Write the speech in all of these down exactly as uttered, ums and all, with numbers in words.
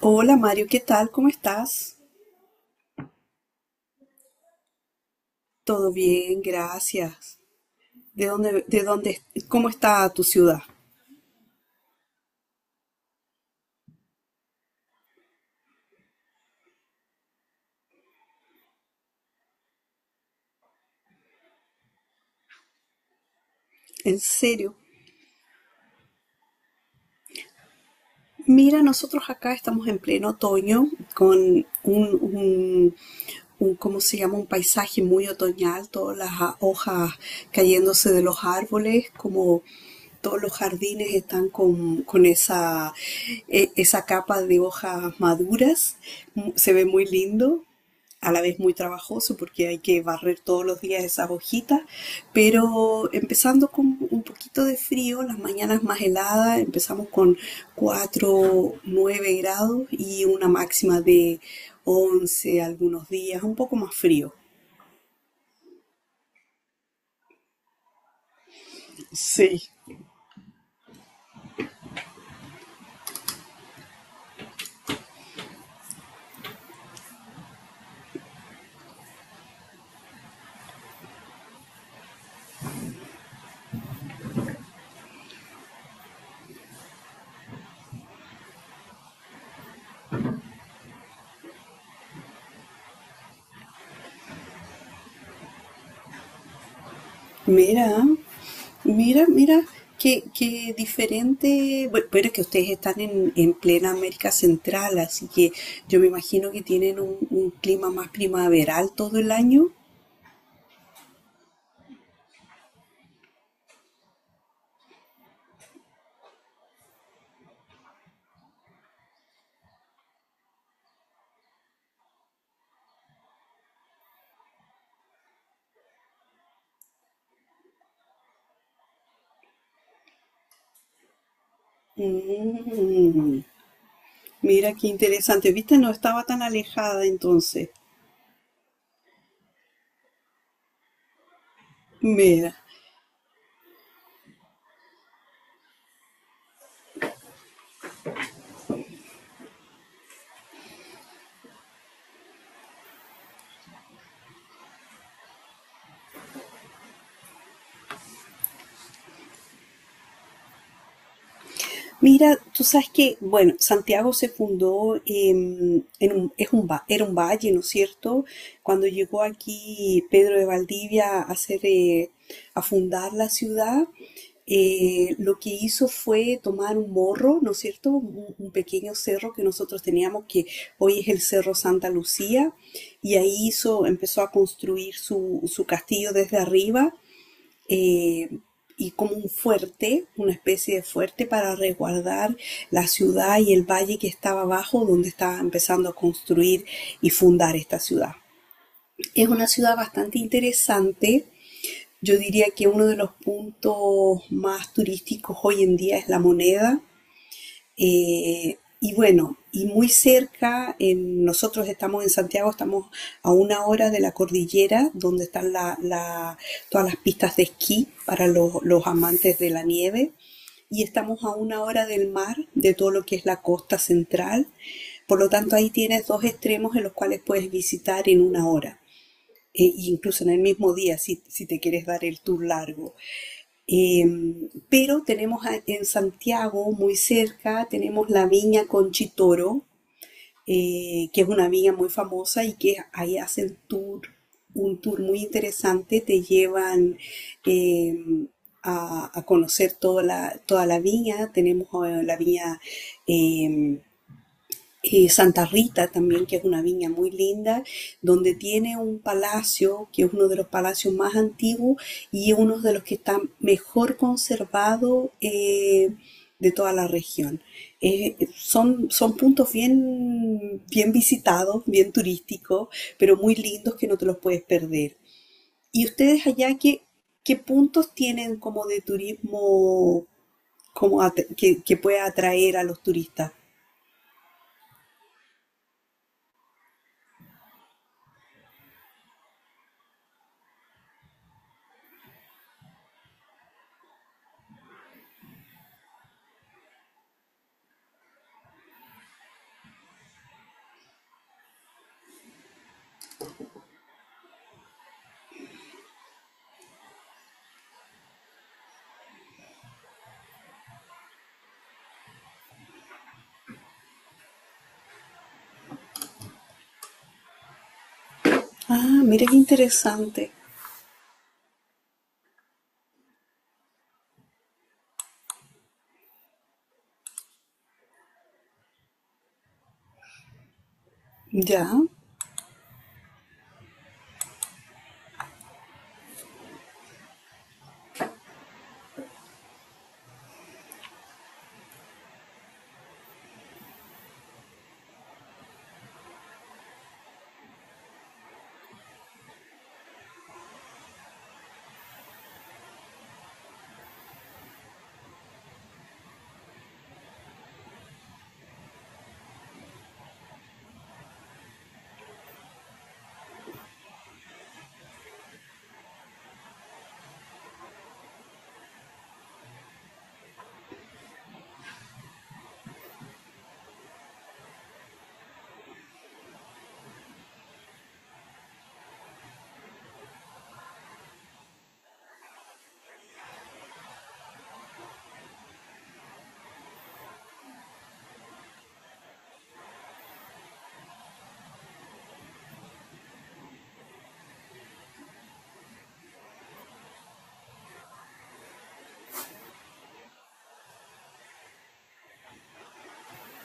Hola Mario, ¿qué tal? ¿Cómo estás? Todo bien, gracias. ¿De dónde, de dónde, ¿Cómo está tu ciudad? En serio. Mira, nosotros acá estamos en pleno otoño con un, un, un, ¿cómo se llama? Un paisaje muy otoñal, todas las ha- hojas cayéndose de los árboles, como todos los jardines están con, con esa, e- esa capa de hojas maduras. Mm. Se ve muy lindo. A la vez muy trabajoso porque hay que barrer todos los días esas hojitas, pero empezando con un poquito de frío, las mañanas más heladas, empezamos con cuatro nueve grados y una máxima de once algunos días, un poco más frío. Sí. Mira, mira, mira, qué, qué diferente. Bueno, pero es que ustedes están en, en plena América Central, así que yo me imagino que tienen un, un clima más primaveral todo el año. Mm, mira qué interesante. Viste, no estaba tan alejada entonces. Mira. Mira, tú sabes que, bueno, Santiago se fundó em, en un, es un, va- era un valle, ¿no es cierto? Cuando llegó aquí Pedro de Valdivia a hacer, eh, a fundar la ciudad. Eh, lo que hizo fue tomar un morro, ¿no es cierto? Un, un pequeño cerro que nosotros teníamos, que hoy es el Cerro Santa Lucía, y ahí hizo, empezó a construir su, su castillo desde arriba eh, y como un fuerte, una especie de fuerte para resguardar la ciudad y el valle que estaba abajo donde estaba empezando a construir y fundar esta ciudad. Es una ciudad bastante interesante. Yo diría que uno de los puntos más turísticos hoy en día es La Moneda. Eh, y bueno, y muy cerca, en- nosotros estamos en Santiago, estamos a una hora de la cordillera, donde están la- la- todas las pistas de esquí para los, los amantes de la nieve, y estamos a una hora del mar, de todo lo que es la costa central. Por lo tanto, ahí tienes dos extremos en los cuales puedes visitar en una hora, e incluso en el mismo día, si, si te quieres dar el tour largo. Eh, pero tenemos a- en Santiago, muy cerca, tenemos la viña Conchitoro, eh, que es una viña muy famosa y que ahí hacen tour, un tour muy interesante. Te llevan eh, a, a conocer toda la, toda la viña. Tenemos eh, la viña eh, eh, Santa Rita también, que es una viña muy linda, donde tiene un palacio, que es uno de los palacios más antiguos y uno de los que está mejor conservado eh, de toda la región. Eh, son, son puntos bien, bien visitados, bien turísticos, pero muy lindos que no te los puedes perder. ¿Y ustedes allá qué, qué, puntos tienen como de turismo como at- que, que pueda atraer a los turistas? Ah, mira qué interesante. Ya.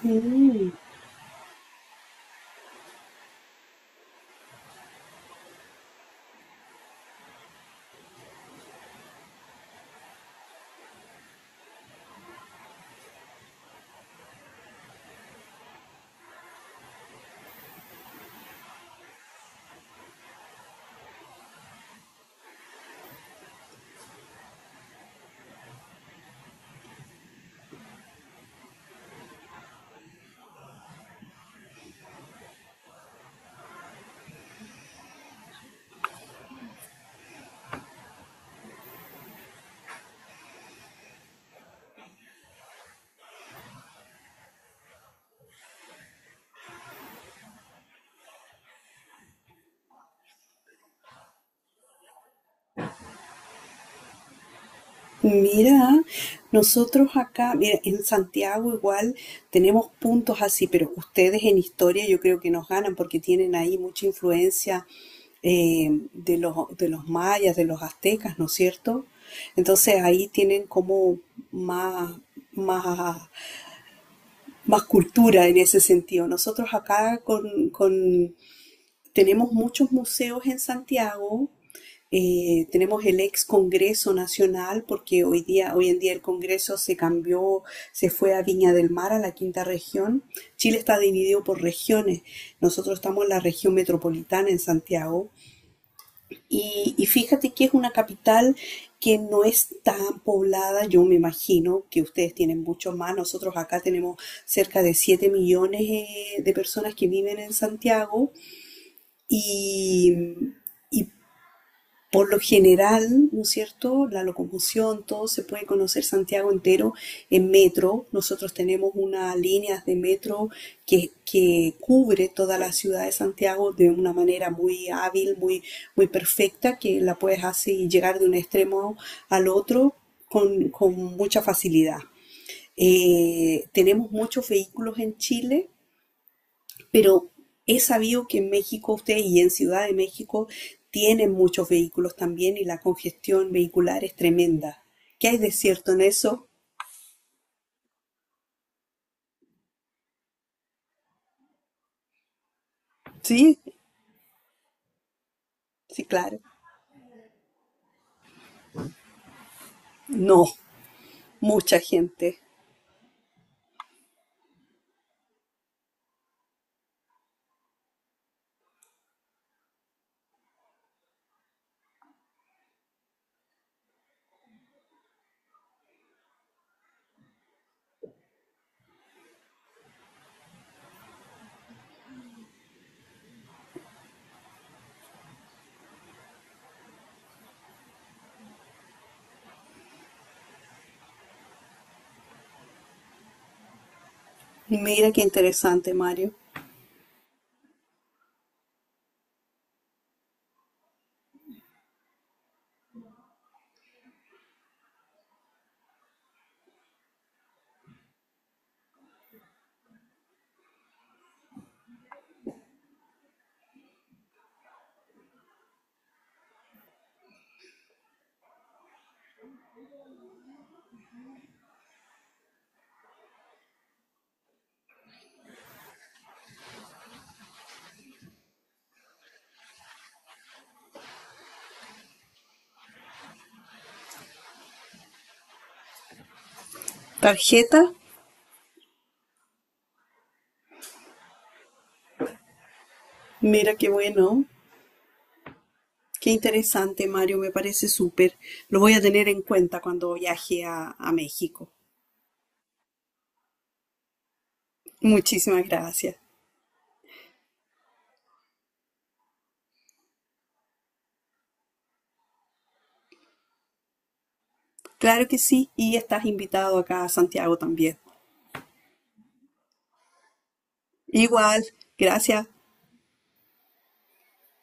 Mm. Mira, nosotros acá, mira, en Santiago igual tenemos puntos así, pero ustedes en historia yo creo que nos ganan porque tienen ahí mucha influencia eh, de los, de los mayas, de los aztecas, ¿no es cierto? Entonces ahí tienen como más, más, más cultura en ese sentido. Nosotros acá, con, con tenemos muchos museos en Santiago. Eh, tenemos el ex Congreso Nacional, porque hoy día, hoy en día el Congreso se cambió, se fue a Viña del Mar, a la quinta región. Chile está dividido por regiones. Nosotros estamos en la región metropolitana en Santiago. Y, y fíjate que es una capital que no es tan poblada, yo me imagino que ustedes tienen mucho más. Nosotros acá tenemos cerca de siete millones eh, de personas que viven en Santiago y, y por lo general, ¿no es cierto? La locomoción, todo se puede conocer Santiago entero en metro. Nosotros tenemos una línea de metro que, que cubre toda la ciudad de Santiago de una manera muy hábil, muy, muy perfecta, que la puedes así llegar de un extremo al otro con, con mucha facilidad. Eh, tenemos muchos vehículos en Chile, pero he sabido que en México ustedes y en Ciudad de México tienen muchos vehículos también y la congestión vehicular es tremenda. ¿Qué hay de cierto en eso? Sí, sí, claro. No, mucha gente. Mira qué interesante, Mario. ¿Tarjeta? Mira qué bueno. Qué interesante, Mario. Me parece súper. Lo voy a tener en cuenta cuando viaje a, a México. Muchísimas gracias. Claro que sí. Y estás invitado acá a Santiago también. Igual, gracias.